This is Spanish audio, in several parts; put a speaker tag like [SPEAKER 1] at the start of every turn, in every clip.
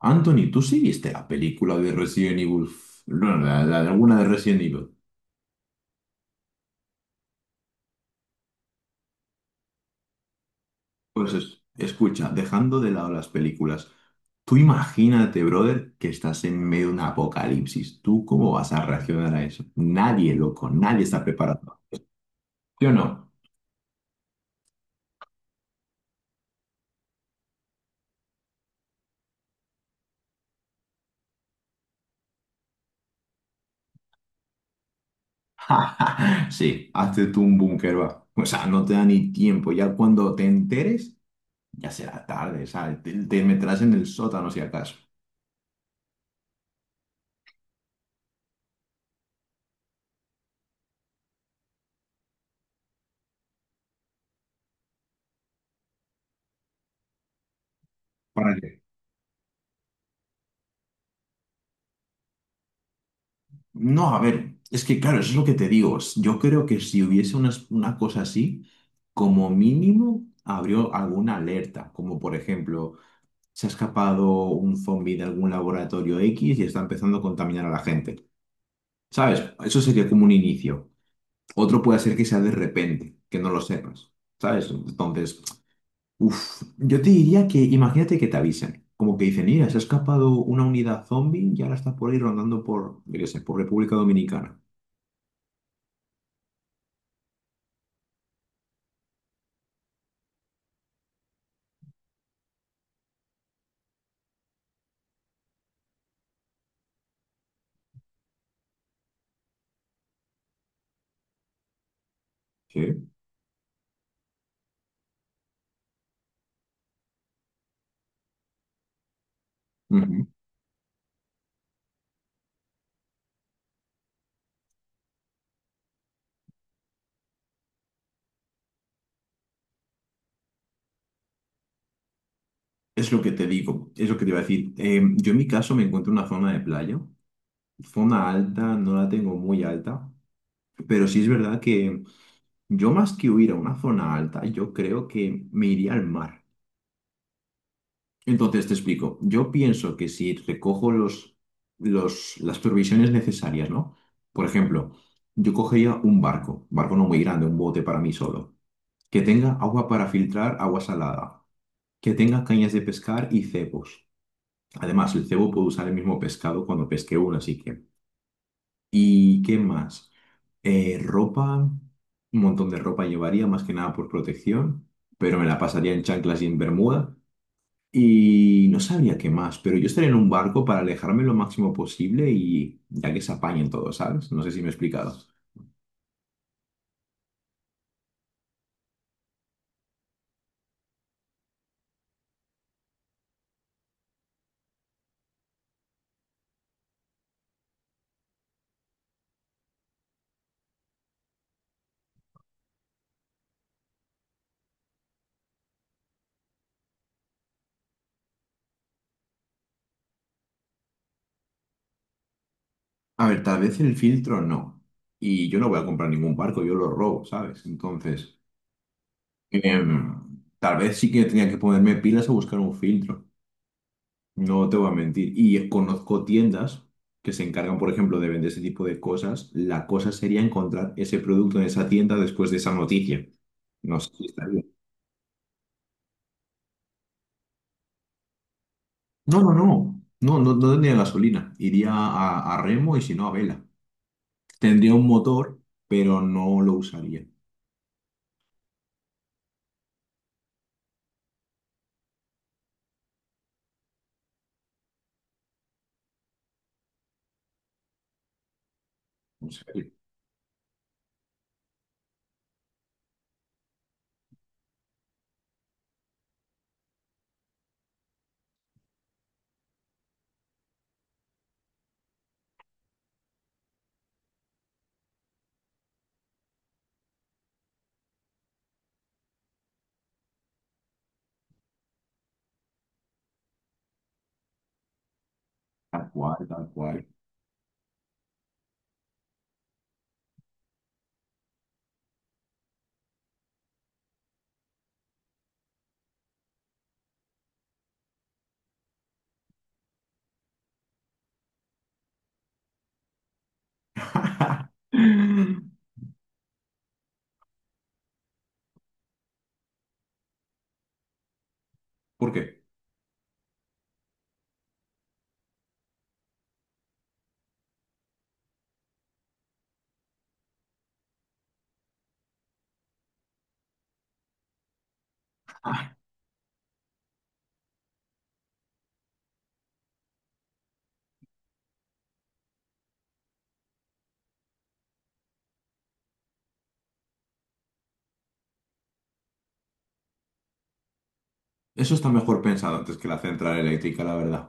[SPEAKER 1] Anthony, ¿tú sí viste la película de Resident Evil? No, la de alguna de Resident Evil. Pues escucha, dejando de lado las películas, tú imagínate, brother, que estás en medio de un apocalipsis. ¿Tú cómo vas a reaccionar a eso? Nadie, loco, nadie está preparado. ¿Sí o no? Sí, hazte tú un búnker, va. O sea, no te da ni tiempo. Ya cuando te enteres, ya será tarde, ¿sabes? Te meterás en el sótano si acaso. ¿Para qué? No, a ver, es que claro, eso es lo que te digo. Yo creo que si hubiese una cosa así, como mínimo abrió alguna alerta, como por ejemplo, se ha escapado un zombie de algún laboratorio X y está empezando a contaminar a la gente. ¿Sabes? Eso sería como un inicio. Otro puede ser que sea de repente, que no lo sepas. ¿Sabes? Entonces, yo te diría que imagínate que te avisen. Como que dicen, mira, se ha escapado una unidad zombie y ahora está por ahí rondando por, yo qué sé, por República Dominicana. ¿Sí? Ujú. Es lo que te digo, es lo que te iba a decir. Yo en mi caso me encuentro en una zona de playa, zona alta, no la tengo muy alta, pero sí es verdad que yo más que huir a una zona alta, yo creo que me iría al mar. Entonces te explico, yo pienso que si recojo las provisiones necesarias, ¿no? Por ejemplo, yo cogería un barco, barco no muy grande, un bote para mí solo, que tenga agua para filtrar, agua salada, que tenga cañas de pescar y cepos. Además, el cebo puede usar el mismo pescado cuando pesque uno, así que. ¿Y qué más? Ropa, un montón de ropa llevaría, más que nada por protección, pero me la pasaría en chanclas y en bermuda. Y no sabría qué más, pero yo estaría en un barco para alejarme lo máximo posible y ya que se apañen todos, ¿sabes? No sé si me he explicado. A ver, tal vez el filtro no. Y yo no voy a comprar ningún barco, yo lo robo, ¿sabes? Entonces, tal vez sí que tenía que ponerme pilas a buscar un filtro. No te voy a mentir. Y conozco tiendas que se encargan, por ejemplo, de vender ese tipo de cosas. La cosa sería encontrar ese producto en esa tienda después de esa noticia. No sé si está bien. No, no, no. No, no, no tendría gasolina. Iría a remo y si no a vela. Tendría un motor, pero no lo usaría. O sea, tal cual, tal cual. ¿Por qué? Ah, eso está mejor pensado antes que la central eléctrica, la verdad.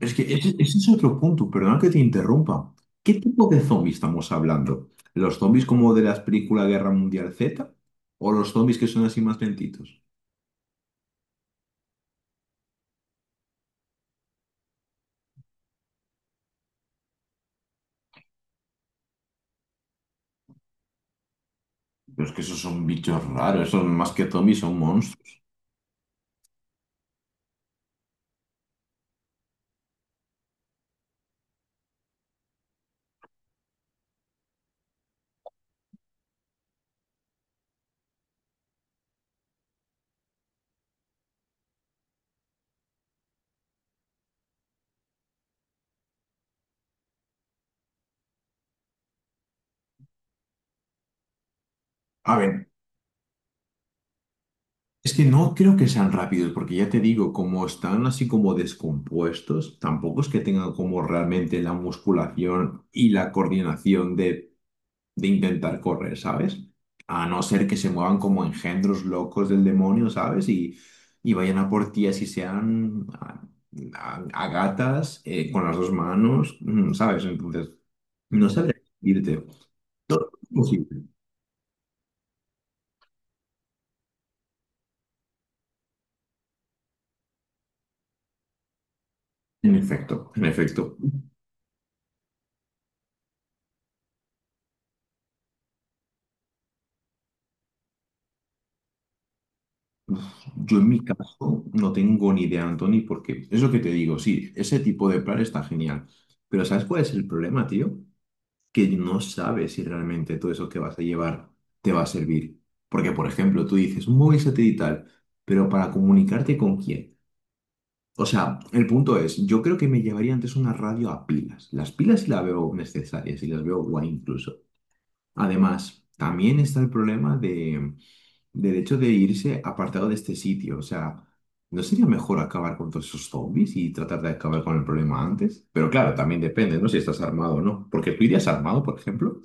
[SPEAKER 1] Es que ese es otro punto, perdona que te interrumpa. ¿Qué tipo de zombies estamos hablando? ¿Los zombies como de las películas Guerra Mundial Z? ¿O los zombies que son así más lentitos? Pero es que esos son bichos raros, esos más que zombies son monstruos. A ver, es que no creo que sean rápidos, porque ya te digo, como están así como descompuestos, tampoco es que tengan como realmente la musculación y la coordinación de intentar correr, ¿sabes? A no ser que se muevan como engendros locos del demonio, ¿sabes? Y vayan a por ti así sean a gatas, con las dos manos, mm, ¿sabes? Entonces, no sabría decirte. Todo es posible. En efecto, en efecto. Uf, yo en mi caso no tengo ni idea, Anthony, porque es lo que te digo, sí, ese tipo de plan está genial. Pero ¿sabes cuál es el problema, tío? Que no sabes si realmente todo eso que vas a llevar te va a servir. Porque, por ejemplo, tú dices un móvil satelital, pero para comunicarte con quién. O sea, el punto es, yo creo que me llevaría antes una radio a pilas. Las pilas sí las veo necesarias y las veo guay incluso. Además, también está el problema de, del hecho de irse apartado de este sitio. O sea, ¿no sería mejor acabar con todos esos zombies y tratar de acabar con el problema antes? Pero claro, también depende, ¿no? Si estás armado o no. Porque tú irías armado, por ejemplo.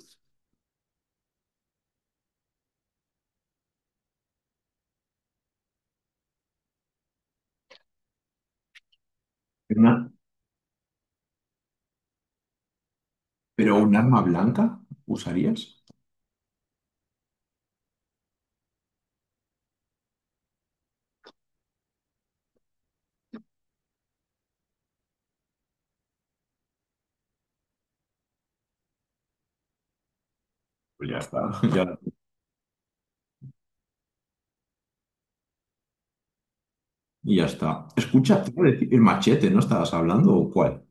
[SPEAKER 1] Una- ¿Pero un arma blanca usarías? Pues ya está, ya, y ya está. Escucha, te iba a decir, el machete, ¿no estabas hablando o cuál?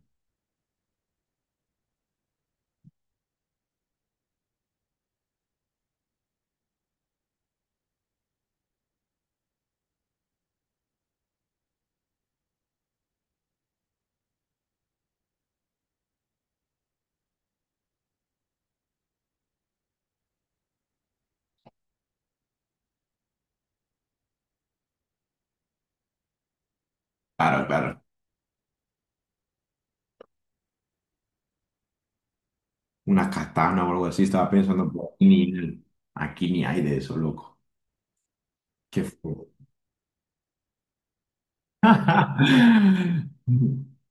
[SPEAKER 1] Claro, claro. Una katana o algo así, estaba pensando, pues, ni, aquí ni hay de eso, loco. Qué fuego.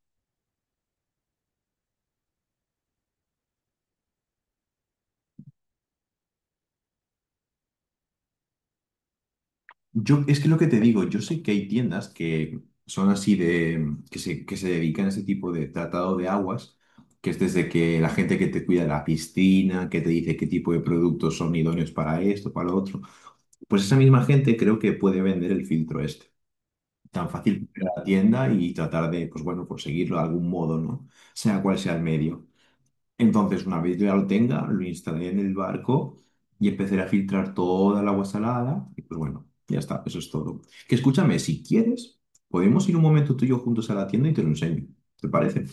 [SPEAKER 1] Yo, es que lo que te digo, yo sé que hay tiendas que son así de, que se dedican a ese tipo de tratado de aguas, que es desde que la gente que te cuida la piscina, que te dice qué tipo de productos son idóneos para esto, para lo otro, pues esa misma gente creo que puede vender el filtro este. Tan fácil que ir a la tienda y tratar de, pues bueno, conseguirlo de algún modo, ¿no? Sea cual sea el medio. Entonces, una vez ya lo tenga, lo instalaré en el barco y empezaré a filtrar toda el agua salada. Y pues bueno, ya está, eso es todo. Que escúchame, si quieres, podemos ir un momento tú y yo juntos a la tienda y te lo enseño. ¿Te parece?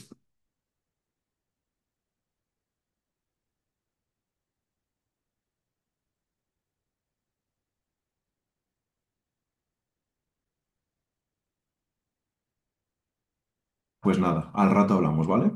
[SPEAKER 1] Pues nada, al rato hablamos, ¿vale?